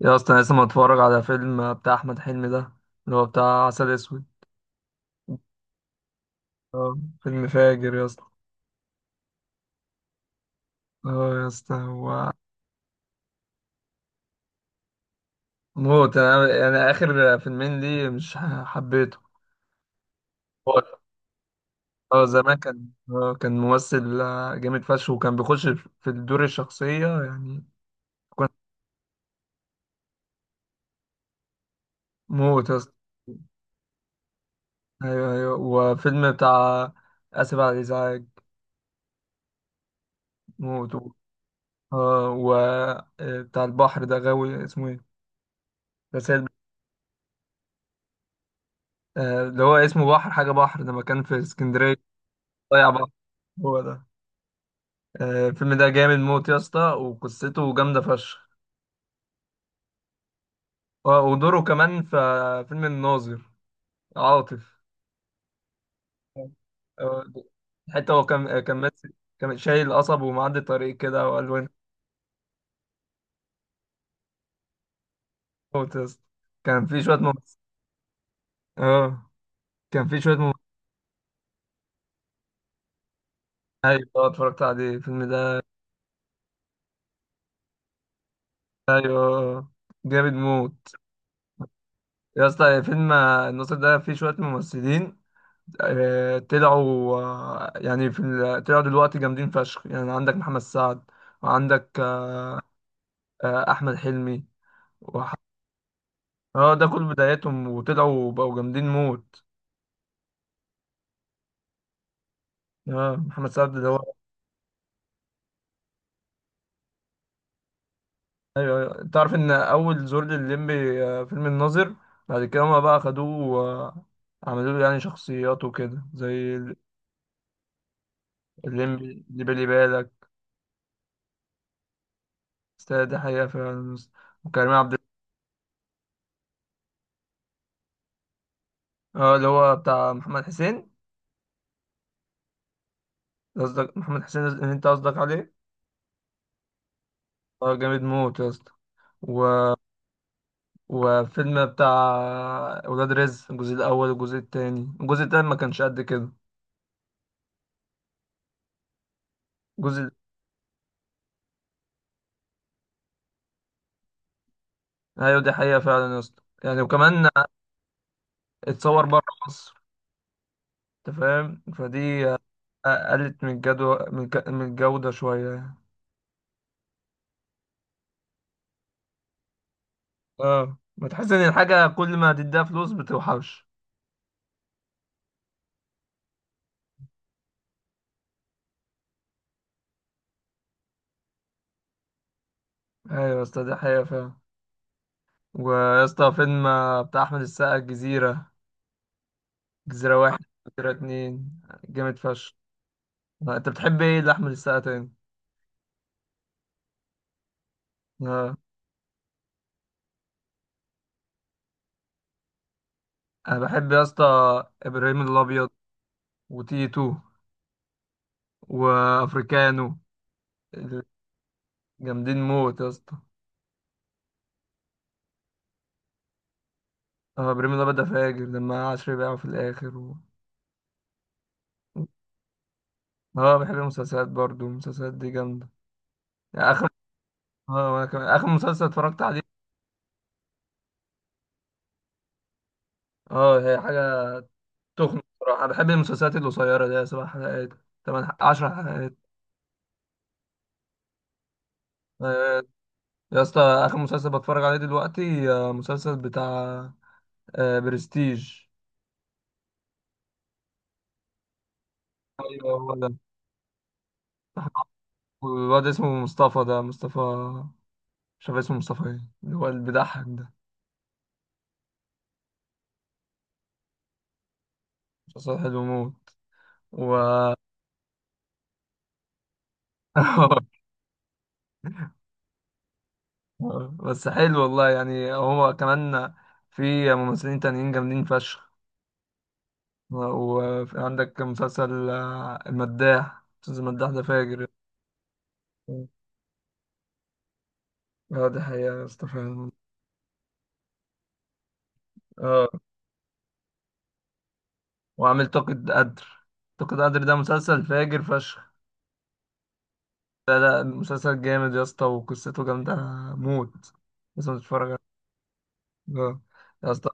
يا اصلا أنا لسه متفرج على فيلم بتاع احمد حلمي ده اللي هو بتاع عسل اسود. اه، فيلم فاجر يا اسطى. اه يا اسطى هو موت. انا يعني اخر فيلمين ليه مش حبيته. هو- اه، زمان كان ممثل جامد فشخ، وكان بيخش في الدور الشخصية يعني. كان موت يا اسطى. ايوه ايوه، وفيلم بتاع، اسف على الازعاج. موت. اه، و بتاع البحر ده غاوي، اسمه ايه، رسائل. اللي هو اسمه بحر حاجة، بحر ده مكان في اسكندرية. ضيع بحر، هو ده. الفيلم ده جامد موت يا اسطى، وقصته جامدة فشخ. ودوره كمان في فيلم الناظر، عاطف. آه، حتى هو كان كان ماسك، كان شايل قصب ومعدي طريق كده وقال له انت. موت يا اسطى. كان في شوية ممثلين اه كان في شوية ممثلين. ايوه اتفرجت عليه الفيلم ده. ايوه جامد موت يا اسطى. فيلم الناظر ده فيه شوية ممثلين طلعوا، يعني في طلعوا دلوقتي جامدين فشخ. يعني عندك محمد سعد، وعندك احمد حلمي، وح... اه ده كل بداياتهم، وطلعوا وبقوا جامدين موت. اه، محمد سعد ده هو. ايوه ايوه، تعرف ان اول زور للمبي فيلم الناظر، بعد كده هما بقى خدوه عملوا له يعني شخصيات وكده زي الليمبي، اللي بالي بالك. استاذ ده حقيقة فعلا. وكريم عبد، اه، اللي هو بتاع محمد حسين. قصدك محمد حسين اللي انت قصدك عليه. اه جامد موت يا اسطى. و... وفيلم بتاع ولاد رزق، الجزء الاول والجزء التاني الجزء التاني ما كانش قد كده. الجزء، ايوه، دي حقيقة فعلا يا اسطى يعني. وكمان اتصور بره مصر، انت فاهم فدي. قلت من الجدوى، من الجودة شوية يعني. اه، ما تحس ان الحاجة كل ما تديها فلوس بتوحش. ايوه يا اسطى، دي حقيقة فعلا. ويا اسطى فيلم بتاع احمد السقا، الجزيرة، جزيرة 1، جزيرة 2، جامد فشخ. انت بتحب ايه لأحمد السقا تاني؟ آه. انا بحب يا اسطى ابراهيم الابيض، وتيتو، وافريكانو. جامدين موت يا اسطى. اه، ابراهيم الابيض ده فاجر لما عشري بيعه في الاخر اه، بحب المسلسلات برضو، المسلسلات دي جامده يعني. اخر، اه، وانا كمان اخر مسلسل اتفرجت عليه. اه، هي حاجه تخنق بصراحه. انا بحب المسلسلات القصيره دي، 7 حلقات، 10 حلقات. آه، يا اسطى، اخر مسلسل بتفرج عليه دلوقتي مسلسل بتاع برستيج. ايوه، هو ده. والواد اسمه مصطفى ده، مصطفى، مش عارف اسمه مصطفى ايه، اللي هو اللي بيضحك ده. مسلسل حلو موت. و... بس حلو والله يعني، هو كمان في ممثلين تانيين جامدين فشخ. وفي عندك مسلسل المداح. مسلسل المداح ده فاجر. اه، دي حقيقة يا اسطى فعلا. اه، وعامل طاقة قدر. طاقة قدر ده مسلسل فاجر فشخ. لا لا، مسلسل جامد يا اسطى، وقصته جامدة موت، لازم تتفرج عليه. اه يا اسطى.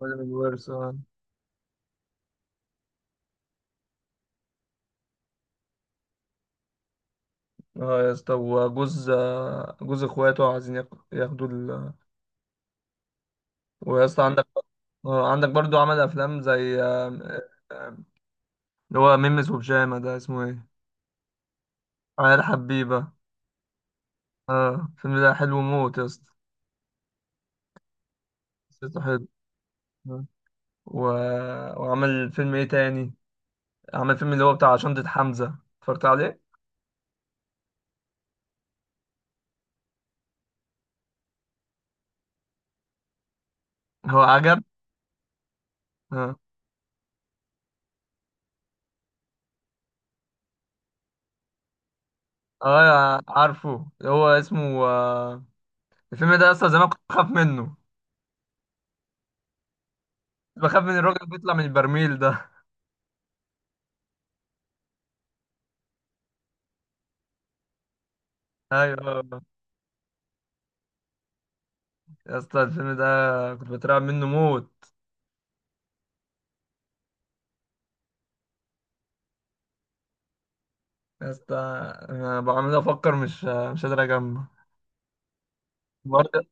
وزن الورث، اه. آه يا اسطى، وجوز، جوز اخواته عايزين ياخدوا ويا اسطى عندك عندك برضو عمل افلام زي آم، آم، اللي هو ميمس وبجامة ده، اسمه ايه، عيال حبيبة. اه، الفيلم ده حلو موت يا اسطى، قصته حلو. آه. و... وعمل فيلم ايه تاني. عمل فيلم اللي هو بتاع شنطة حمزة، اتفرجت عليه. هو عجب. اه اه، عارفه. هو اسمه الفيلم ده اصلا زمان كنت بخاف منه، بخاف من الراجل اللي بيطلع من البرميل ده. ايوه يا اسطى، الفيلم ده كنت بترعب منه موت. يا اسطى، انا بعمل افكر، مش قادر اجمع. برضه.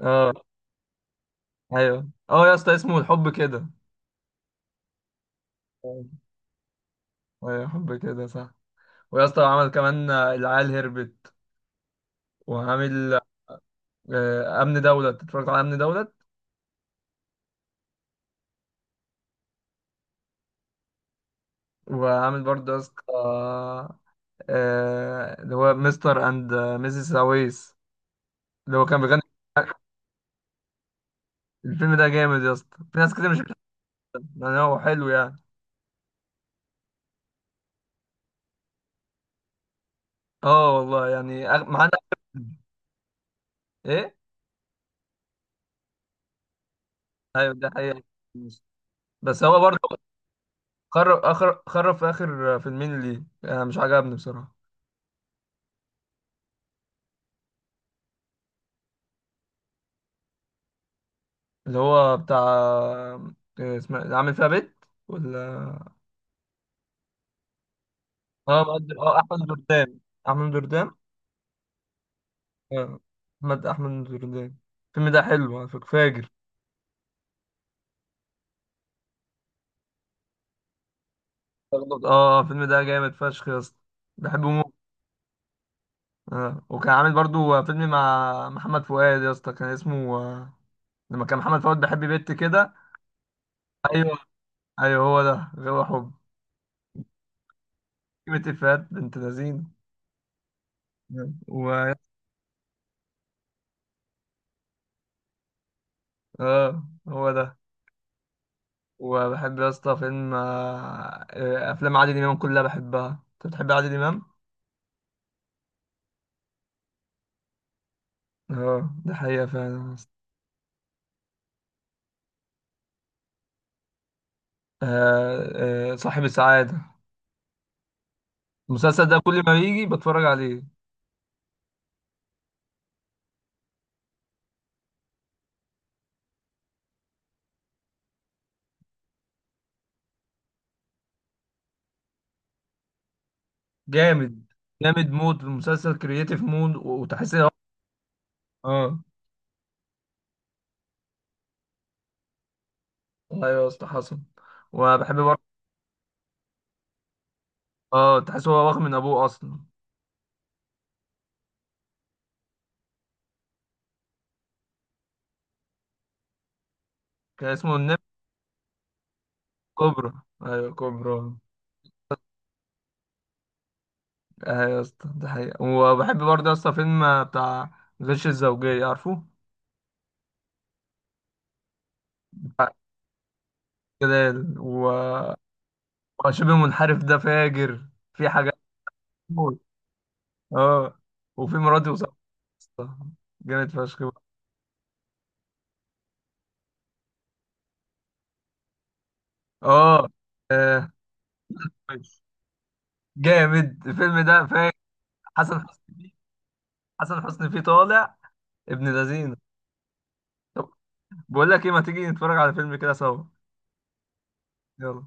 اه، ايوه، اه يا اسطى، اسمه الحب كده. آه، ايوه، حب كده صح. ويا اسطى، عمل كمان العيال هربت، وعامل امن دولة. اتفرجت على امن دولة. وعامل برضه يا اسطى اللي هو مستر اند ميسيس سويس، اللي هو كان بيغني. الفيلم ده جامد يا اسطى، في ناس كتير مش بتحبه يعني، هو حلو يعني. اه والله يعني معانا. ايه. ايوه، ده حقيقة. بس هو برضه خرب، اخر خرب في اخر فيلمين ليه، انا مش عجبني بصراحة. اللي هو بتاع إيه، اسمه إيه؟ عامل فيها بيت ولا. اه اه، احمد دردان، احمد دردان. اه، احمد دردان. الفيلم ده حلو على فكرة، فاجر. اه، الفيلم ده جامد فشخ يا اسطى، بحبه موت. اه، وكان عامل برضو فيلم مع محمد فؤاد يا اسطى، كان اسمه لما كان محمد فؤاد بيحب بنت كده. ايوه ايوه، هو ده غاوي حب. كلمة إفيهات بنت لذينه. و اه، هو ده. وبحب يا اسطى فيلم آه، آه، افلام عادل امام كلها بحبها. انت بتحب عادل امام؟ اه، ده حقيقة فعلا يا اسطى. صاحب السعادة. المسلسل ده كل ما يجي بتفرج عليه. جامد، جامد مود المسلسل، كرييتيف مود، وتحس ان هو. اه، ايوه يا اسطى، حصل. وبحب برضه. اه، تحس هو واخد من ابوه اصلا. كان اسمه النمر، كوبرا. ايوه كوبرا. ايوه يا اسطى، ده حقيقة. وبحب برضه يا اسطى فيلم بتاع غش الزوجية، عارفه؟ بتاع جلال، وشبه منحرف ده فاجر، في حاجات موت. اه، وفي مراتي وصاحبي، جامد فشخ بقى. اه آه، جامد، الفيلم ده فاجر، حسن حسني فيه حسن حسني فيه طالع ابن لذينه. طب، بقول لك ايه، ما تيجي نتفرج على فيلم كده سوا. يلا.